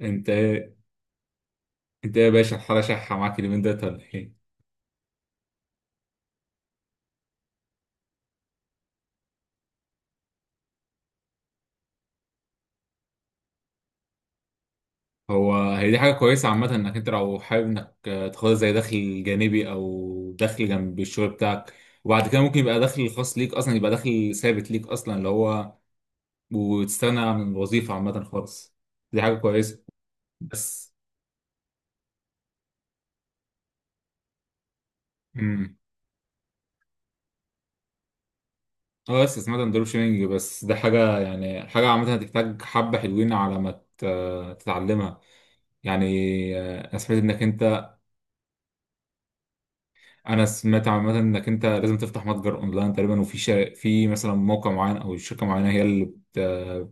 انت ايه انت ايه يا باشا، الحاله شحه معاك اليومين دولت ولا ايه؟ هو هي دي حاجه كويسه عامه، انك انت لو حابب انك تاخدها زي دخل جانبي او دخل جنب الشغل بتاعك. وبعد كده ممكن يبقى دخل خاص ليك اصلا، يبقى دخل ثابت ليك اصلا اللي هو وتستغنى عن الوظيفه عامه خالص. دي حاجه كويسه. بس امم اه، بس سمعت عن دروب شيبنج. بس ده حاجه يعني حاجه عامه، هتحتاج حبه حلوين على ما تتعلمها يعني. آه، انا سمعت انك انت انا سمعت عامه انك انت لازم تفتح متجر اونلاين تقريبا. وفي في مثلا موقع معين او شركه معينه هي اللي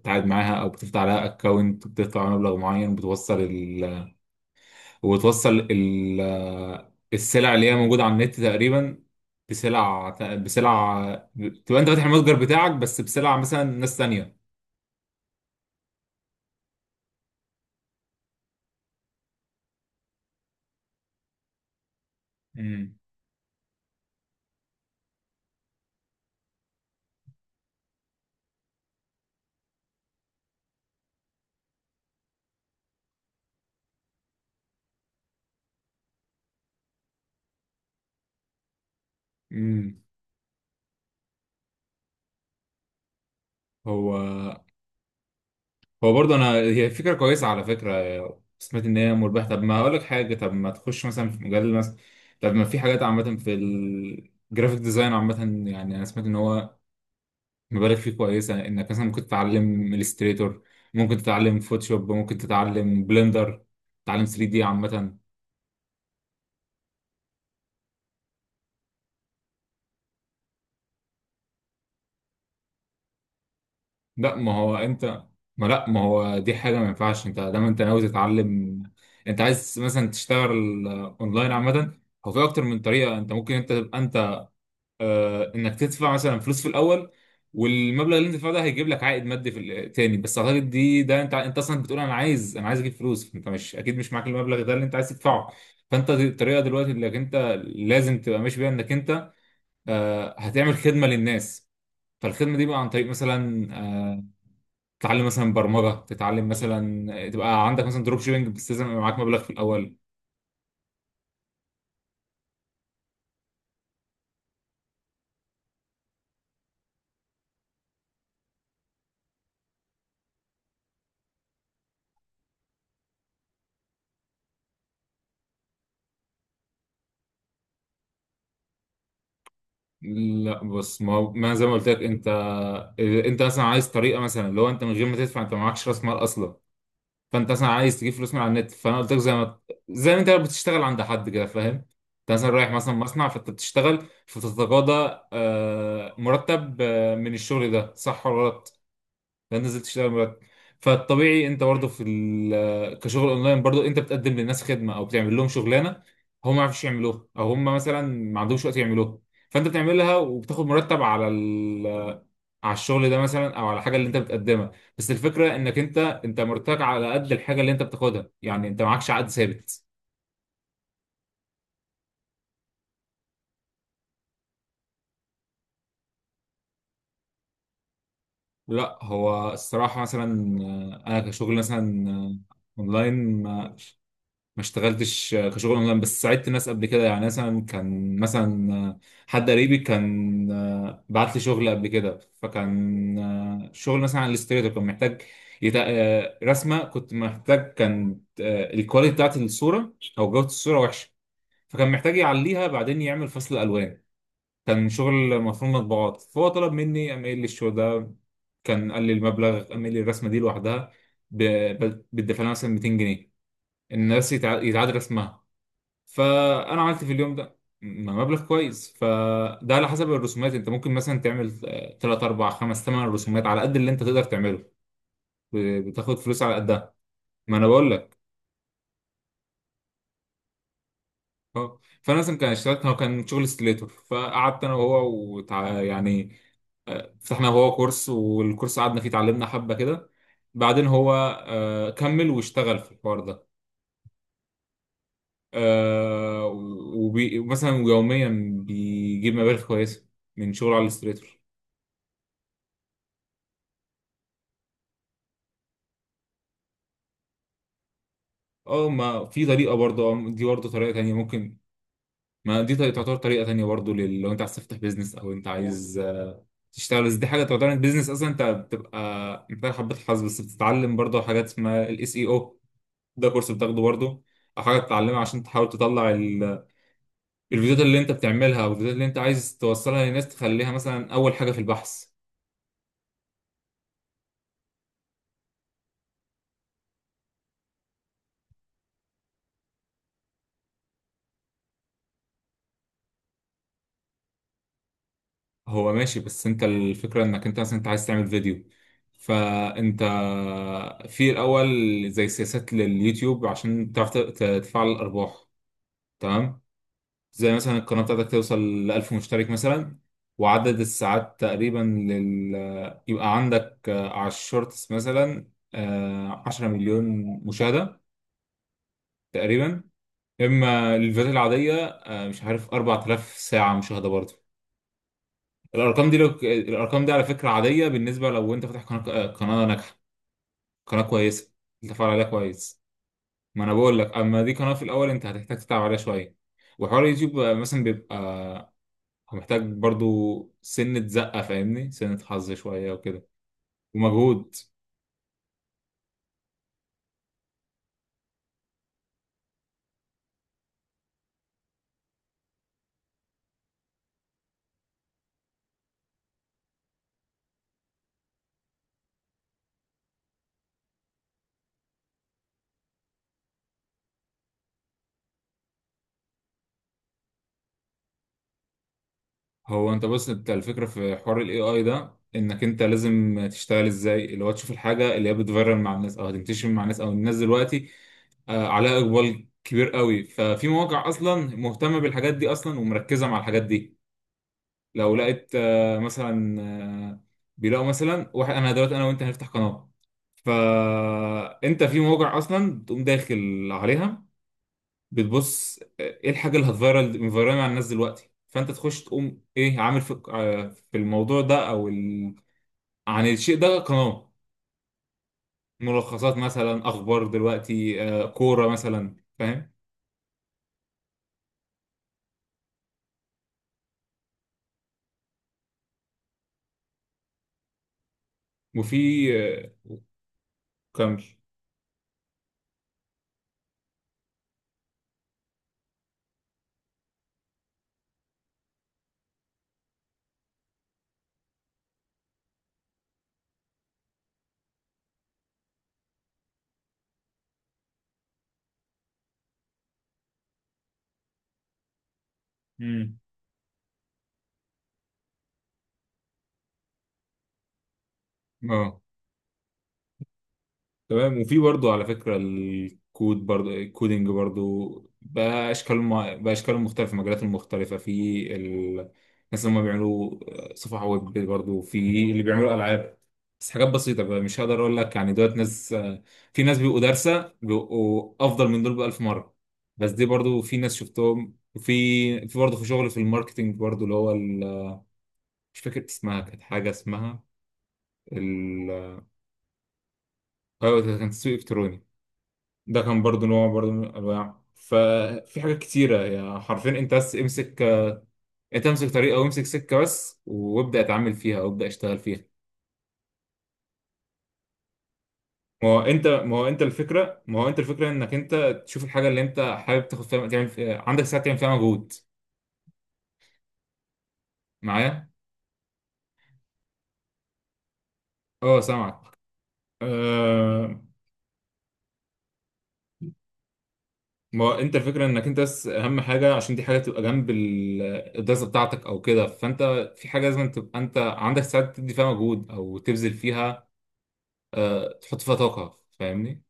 بتعاد معاها او بتفتح لها اكونت، بتدفع عليها مبلغ معين، وبتوصل ال... السلع اللي هي موجوده على النت تقريبا. بسلع بسلع تبقى انت فاتح المتجر بتاعك بس بسلع مثلا ناس تانيه. امم امم هو هو برضه، انا هي فكره كويسه على فكره. سمعت ان هي مربحه. طب ما اقول لك حاجه، طب ما تخش مثلا في مجال مثلا، طب ما في حاجات عامه في الجرافيك ديزاين عامه. يعني انا سمعت ان هو مبالغ فيه كويسه، انك مثلا ممكن تتعلم الستريتور، ممكن تتعلم فوتوشوب، ممكن تتعلم بلندر، تتعلم 3D عامه. لا ما هو انت لا، ما هو دي حاجه ما ينفعش، انت دايما انت ناوي تتعلم. انت عايز مثلا تشتغل اونلاين عامه. هو في اكتر من طريقه، انت ممكن تبقى انك تدفع مثلا فلوس في الاول، والمبلغ اللي انت دفعته ده هيجيب لك عائد مادي في تاني. بس اعتقد ده انت اصلا بتقول انا عايز اجيب فلوس، انت مش اكيد مش معاك المبلغ ده اللي انت عايز تدفعه. فانت، دي الطريقه دلوقتي انك انت لازم تبقى ماشي بيها، انك انت هتعمل خدمه للناس. فالخدمه دي بقى عن طريق مثلا تتعلم مثلا برمجه، تتعلم مثلا تبقى عندك مثلا دروب شيبنج. بس لازم يبقى معاك مبلغ في الاول. لا، بص، ما زي ما قلت لك، انت مثلا عايز طريقه مثلا، لو انت من غير ما تدفع، انت معكش راس مال اصلا. فانت مثلا عايز تجيب فلوس من على النت، فانا قلت لك زي ما انت بتشتغل عند حد كده، فاهم؟ انت مثلا رايح مثلا مصنع، فانت بتشتغل فبتتقاضى مرتب من الشغل ده، صح ولا غلط؟ لا، نزلت تشتغل مرتب. فالطبيعي انت برضه كشغل اونلاين، برضه انت بتقدم للناس خدمه او بتعمل لهم شغلانه هم ما يعرفوش يعملوها، او هم مثلا ما عندهمش وقت يعملوها. فانت بتعملها وبتاخد مرتب على الشغل ده مثلا، او على الحاجه اللي انت بتقدمها. بس الفكره انك انت مرتاح على قد الحاجه اللي انت بتاخدها، يعني انت معكش عقد ثابت. لا، هو الصراحه مثلا انا كشغل مثلا اونلاين ما اشتغلتش كشغل اونلاين، بس ساعدت ناس قبل كده. يعني مثلا كان مثلا حد قريبي كان بعت لي شغل قبل كده، فكان شغل مثلا على الاستريتور، كان محتاج رسمه كنت محتاج. كان الكواليتي بتاعت الصوره او جوده الصوره وحشه، فكان محتاج يعليها بعدين يعمل فصل الوان. كان شغل مفروض مطبوعات، فهو طلب مني اعمل لي الشغل ده، كان قال لي المبلغ اعمل لي الرسمه دي لوحدها. ب... بتدفع لها مثلا 200 جنيه، الناس يتعاد رسمها. فانا عملت في اليوم ده مبلغ كويس. فده على حسب الرسومات انت ممكن مثلا تعمل 3 4 5 8 رسومات على قد اللي انت تقدر تعمله، بتاخد فلوس على قدها. ما انا بقول لك. اه، فانا مثلا كان اشتغلت، هو كان شغل ستيليتور، فقعدت انا وهو يعني فتحنا هو كورس، والكورس قعدنا فيه اتعلمنا حبه كده. بعدين هو كمل واشتغل في الحوار ده. آه، مثلا يوميا بيجيب مبالغ كويسه من شغل على الاستريتور. اه، ما في طريقه برضه. اه، دي برضه طريقه تانية ممكن. ما دي تعتبر طريقه تانية برضه، لو انت عايز تفتح بيزنس او انت عايز تشتغل. بس دي حاجه تعتبر بيزنس اصلا، انت بتبقى حبه حظ، بس بتتعلم برضه حاجات اسمها SEO. ده كورس بتاخده برضه او حاجه بتتعلمها عشان تحاول تطلع الفيديوهات اللي انت بتعملها، او الفيديوهات اللي انت عايز توصلها للناس تخليها مثلا اول حاجه في البحث. هو ماشي، بس انت الفكرة انك انت مثلا انت عايز تعمل فيديو. فانت في الاول زي سياسات لليوتيوب عشان تعرف تفعل الارباح، تمام. زي مثلا القناة بتاعتك توصل ل 1000 مشترك مثلا، وعدد الساعات تقريبا لل يبقى عندك على الشورتس مثلا 10 مليون مشاهدة تقريبا. اما الفيديوهات العادية مش عارف 4000 ساعة مشاهدة برضه. الارقام دي على فكره عاديه، بالنسبه لو انت فاتح قناه ناجحه، قناه كويسه انت فاعل عليها كويس. ما انا بقول لك، اما دي قناه في الاول انت هتحتاج تتعب عليها شويه. وحوار اليوتيوب مثلا بيبقى هو محتاج برضو سنه زقه، فاهمني، سنه حظ شويه وكده ومجهود. هو انت بص، انت الفكره في حوار AI ده، انك انت لازم تشتغل ازاي، اللي هو تشوف الحاجه اللي هي بتفيرل مع الناس او هتنتشر مع الناس، او الناس دلوقتي عليها اقبال كبير قوي. ففي مواقع اصلا مهتمه بالحاجات دي اصلا، ومركزه مع الحاجات دي. لو لقيت مثلا آه، بيلاقوا مثلا واحد. انا دلوقتي انا وانت هنفتح قناه، فانت في مواقع اصلا بتقوم داخل عليها بتبص ايه الحاجه اللي مفيرال مع الناس دلوقتي. فانت تخش تقوم ايه عامل في الموضوع ده، عن الشيء ده قناه. ملخصات مثلا، اخبار دلوقتي كوره مثلا، فاهم. وفي آه، كمل. امم اه، تمام. وفي برضو على فكرة الكود برضو، الكودينج برضو. بقى أشكال مختلفة، مجالات مختلفة في ال- الناس اللي هم بيعملوا صفحة ويب، برضو في اللي بيعملوا ألعاب، بس حاجات بسيطة بقى. مش هقدر أقول لك يعني دولت ناس، في ناس بيبقوا دارسة بيبقوا أفضل من دول بألف مرة. بس دي برضو في ناس شفتهم، في برضو في شغل في الماركتينج برضو اللي هو مش فاكر اسمها، كانت حاجة اسمها ال- أيوة، كان تسويق إلكتروني. ده كان برضو نوع برضو من الانواع. ففي حاجات كتيره هي حرفيا، انت امسك طريقه وامسك سكه بس، وابدا اتعامل فيها وابدا اشتغل فيها. ما هو انت الفكره انك انت تشوف الحاجه اللي انت حابب تاخد فيها، تعمل فيها عندك ساعه، تعمل فيها مجهود معايا. اه، سامعك. آه، ما هو انت الفكره انك انت، بس اهم حاجه عشان دي حاجه تبقى جنب الدراسه بتاعتك او كده. فانت في حاجه لازم تبقى انت عندك ساعات تدي فيها مجهود او تبذل فيها تحط فيها طاقة، فاهمني.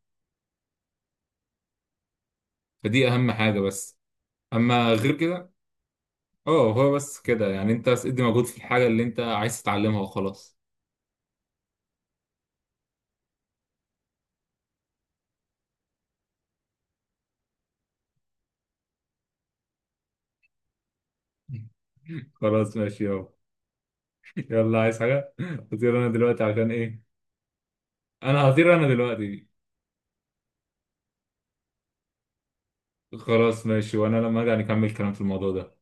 فدي أهم حاجة، بس. أما غير كده، اه، هو بس كده يعني أنت بس ادي مجهود في الحاجة اللي أنت عايز تتعلمها وخلاص. خلاص، ماشي يابا. يلا، عايز حاجة؟ هطير أنا دلوقتي عشان إيه. أنا هطير أنا دلوقتي. خلاص ماشي، وأنا لما أرجع نكمل كلام في الموضوع ده.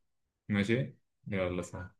ماشي، يلا سلام.